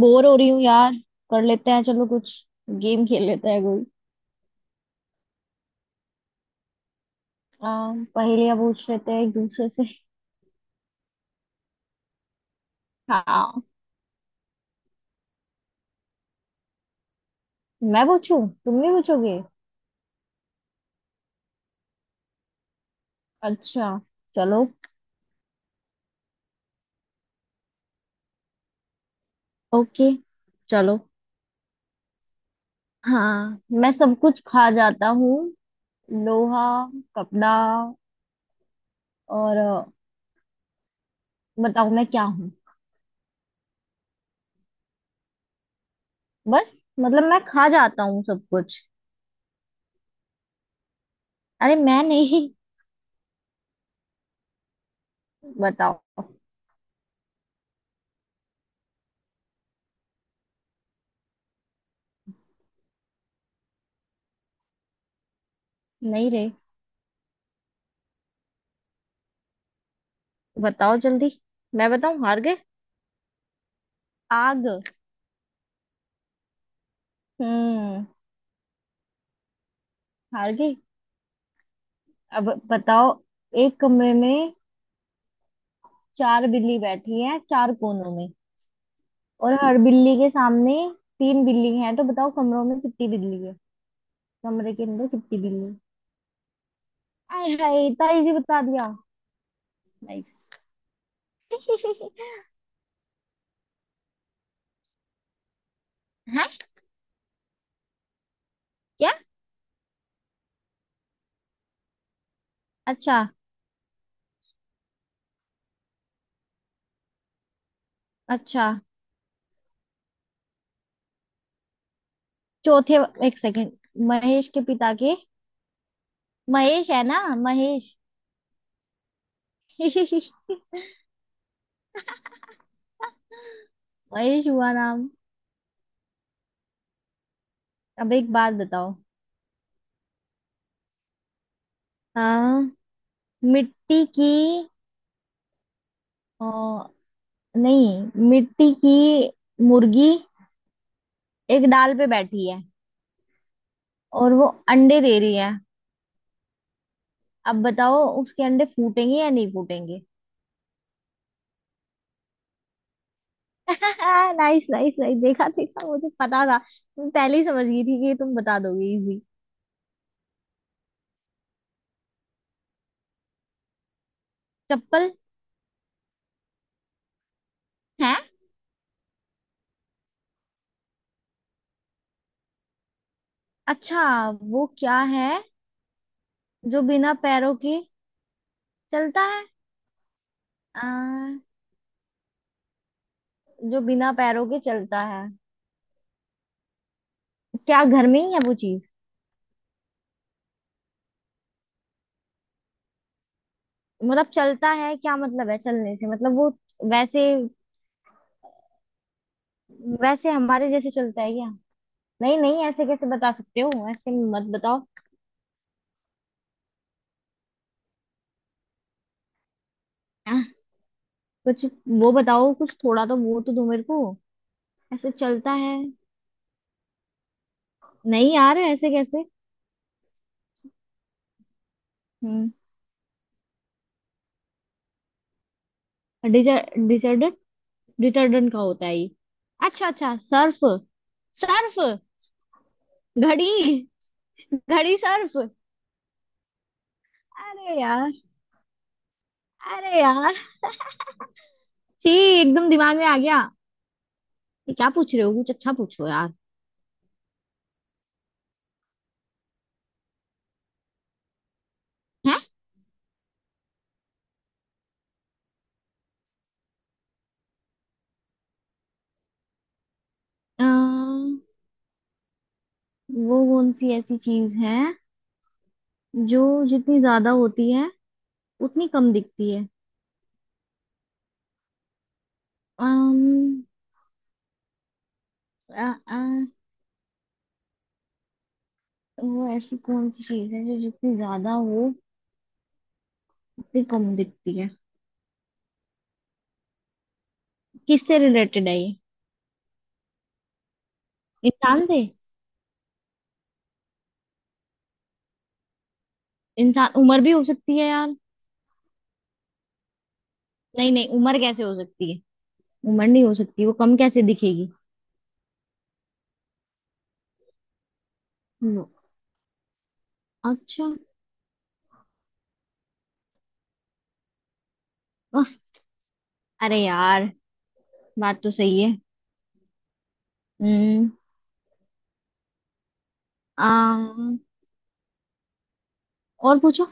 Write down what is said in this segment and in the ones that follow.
Bore हो रही हूँ यार। कर लेते हैं चलो कुछ। गेम खेल लेते हैं कोई। पहेलियां पूछ लेते हैं एक दूसरे से। हाँ, मैं पूछूं तुम भी पूछोगे। अच्छा, चलो। ओके, चलो। हाँ, मैं सब कुछ खा जाता हूँ। लोहा, कपड़ा और बताओ मैं क्या हूँ। बस मतलब मैं खा जाता हूँ सब कुछ। अरे, मैं नहीं। बताओ। नहीं रे। बताओ जल्दी। मैं बताऊं, हार गए? आग। हम्म। हार गई। अब बताओ, एक कमरे में चार बिल्ली बैठी है चार कोनों में, और हर बिल्ली के सामने तीन बिल्ली हैं, तो बताओ कमरों में कितनी बिल्ली है? कमरे के अंदर कितनी बिल्ली है? आय हाय, इतना इजी बता दिया। नाइस। है? क्या? अच्छा। अच्छा, चौथे। एक सेकेंड। महेश के पिता के। महेश है ना, महेश। महेश हुआ नाम। अब एक बात बताओ। हाँ। मिट्टी की अ, नहीं, मिट्टी की मुर्गी एक डाल पे बैठी है, और वो अंडे दे रही है। अब बताओ उसके अंडे फूटेंगे या नहीं फूटेंगे? नाइस नाइस नाइस, देखा देखा, मुझे पता था। मैं पहले ही समझ गई थी कि तुम बता दोगे इजी। चप्पल। है। अच्छा, वो क्या है जो बिना पैरों के चलता है? आ, जो बिना पैरों के चलता है। क्या घर में ही है वो चीज? मतलब चलता है, क्या मतलब है चलने से? मतलब वो वैसे, वैसे हमारे जैसे चलता है क्या? नहीं नहीं, ऐसे कैसे बता सकते हो? ऐसे मत बताओ। आह, कुछ वो बताओ, कुछ थोड़ा तो वो तो दो मेरे को। ऐसे चलता है। नहीं यार, ऐसे कैसे? हम्म। डिटर्डेंट। डिटर्डेंट का होता है ये? अच्छा अच्छा, सर्फ। सर्फ। घड़ी। घड़ी सर्फ। अरे यार। अरे यार। छी। एकदम दिमाग में आ गया। ये क्या पूछ रहे हो, कुछ अच्छा पूछो यार। है। वो कौन सी ऐसी चीज है जो जितनी ज्यादा होती है उतनी कम दिखती है? अम्म, आ, आ, वो ऐसी कौन सी चीज है जो जितनी ज्यादा हो उतनी कम दिखती है? किससे रिलेटेड है ये? इंसान से। इंसान उम्र भी हो सकती है यार। नहीं नहीं, उम्र कैसे हो सकती है? उम्र नहीं हो सकती, वो कम कैसे दिखेगी? वो- अच्छा। आह, अरे यार, बात तो सही है। हम्म। अम्म, और पूछो।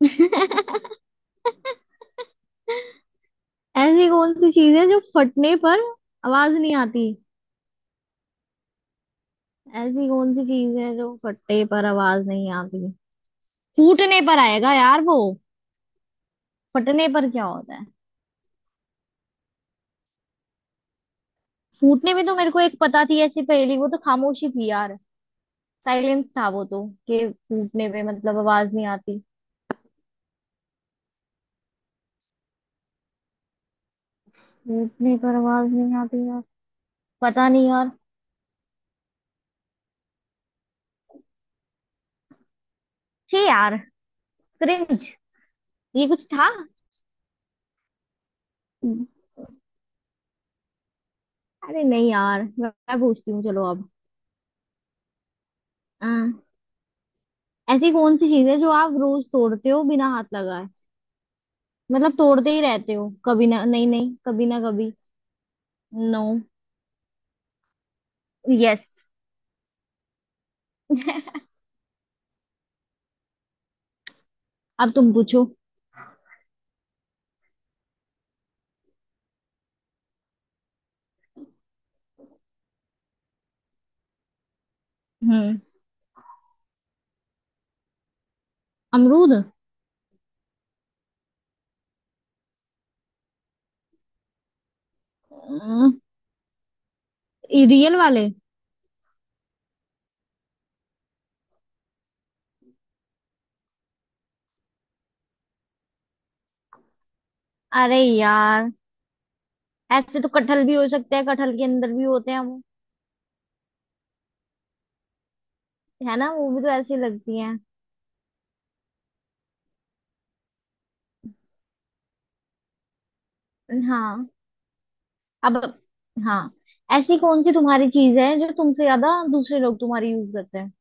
ऐसी कौन सी चीज है जो फटने पर आवाज नहीं आती? ऐसी कौन सी चीज है जो फटने पर आवाज नहीं आती? फूटने पर आएगा यार वो। फटने पर क्या होता है? फूटने में तो मेरे को एक पता थी ऐसी पहेली, वो तो खामोशी थी यार। साइलेंस था वो तो, कि फूटने पे मतलब आवाज नहीं आती। फूटने पर आवाज नहीं आती यार। पता नहीं यार। छे यार। क्रिंज। ये कुछ था। अरे नहीं यार, मैं पूछती हूँ चलो अब। अ, ऐसी कौन सी चीज है जो आप रोज तोड़ते हो बिना हाथ लगाए? मतलब तोड़ते ही रहते हो, कभी ना नहीं नहीं, कभी ना कभी। नो। यस। अब तुम पूछो। हम्म। अमरूद। अम, ये रियल वाले। अरे यार, ऐसे तो कटहल भी हो सकते हैं, कटहल के अंदर भी होते हैं वो। है ना, वो भी तो ऐसी लगती हैं। हाँ। अब। हाँ, ऐसी कौन सी तुम्हारी चीज है जो तुमसे ज्यादा दूसरे लोग तुम्हारी यूज करते हैं?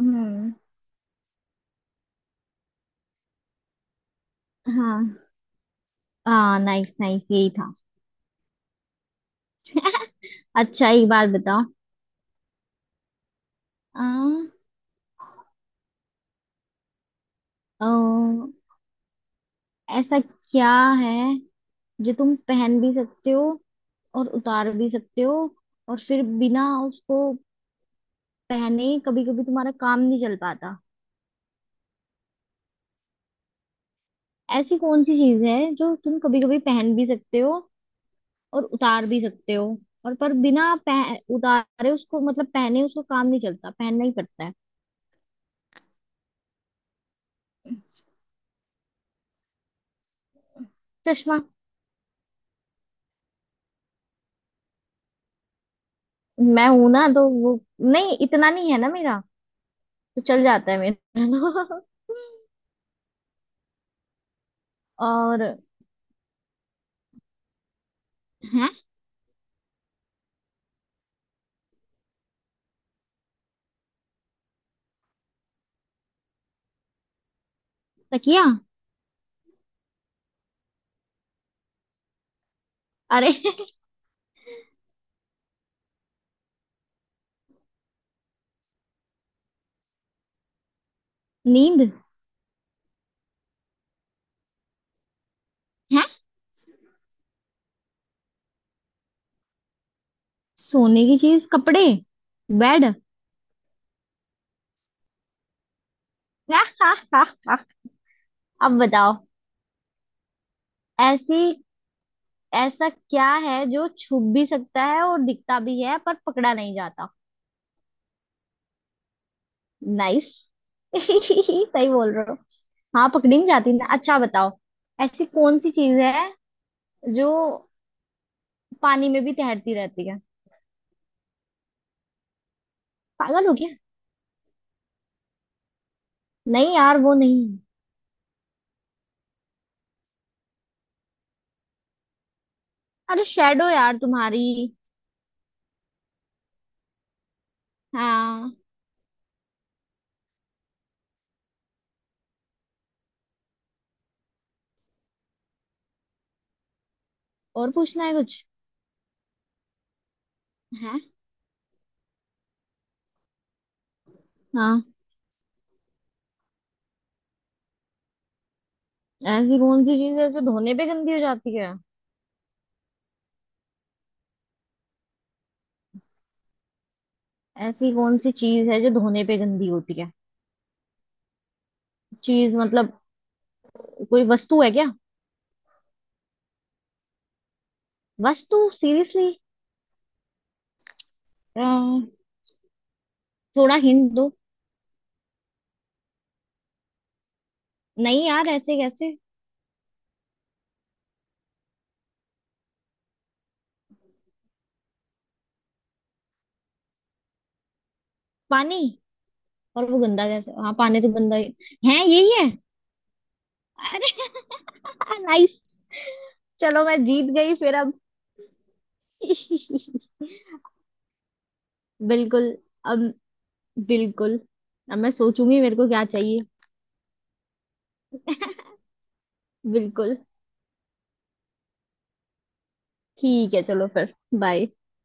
हम्म। हाँ। हाँ, नाइस नाइस, यही था। अच्छा एक बात बताओ। आ, आ, ऐसा क्या है जो तुम पहन भी सकते हो और उतार भी सकते हो, और फिर बिना उसको पहने कभी कभी तुम्हारा काम नहीं चल पाता? ऐसी कौन सी चीज है जो तुम कभी कभी पहन भी सकते हो और उतार भी सकते हो, और पर बिना उतारे उसको, मतलब पहने उसको काम नहीं चलता, पहनना ही पड़ता है। चश्मा। मैं हूं ना, तो वो नहीं, इतना नहीं है ना मेरा, तो चल जाता है मेरा तो। और है। तकिया। अरे। नींद। है सोने की चीज, कपड़े, बेड। अब बताओ, ऐसी ऐसा क्या है जो छुप भी सकता है और दिखता भी है, पर पकड़ा नहीं जाता? नाइस। सही बोल रहे हो। हाँ, पकड़ी नहीं जाती ना। अच्छा बताओ, ऐसी कौन सी चीज है जो पानी में भी तैरती रहती है? पागल हो गया? नहीं यार, वो नहीं। अरे शेडो यार तुम्हारी। हाँ। और पूछना है कुछ? है। हाँ, ऐसी कौन सी चीज है जो धोने पे गंदी हो जाती है? ऐसी कौन सी चीज है जो धोने पे गंदी होती है? चीज मतलब, कोई वस्तु है क्या? बस तू सीरियसली? थोड़ा हिंट दो। नहीं यार, ऐसे कैसे? पानी। और वो गंदा कैसे? हाँ, पानी तो गंदा ही है, यही है। अरे। नाइस। चलो मैं जीत गई फिर अब। बिल्कुल। अब, बिल्कुल। अब मैं सोचूंगी मेरे को क्या चाहिए। बिल्कुल। ठीक है चलो फिर। बाय।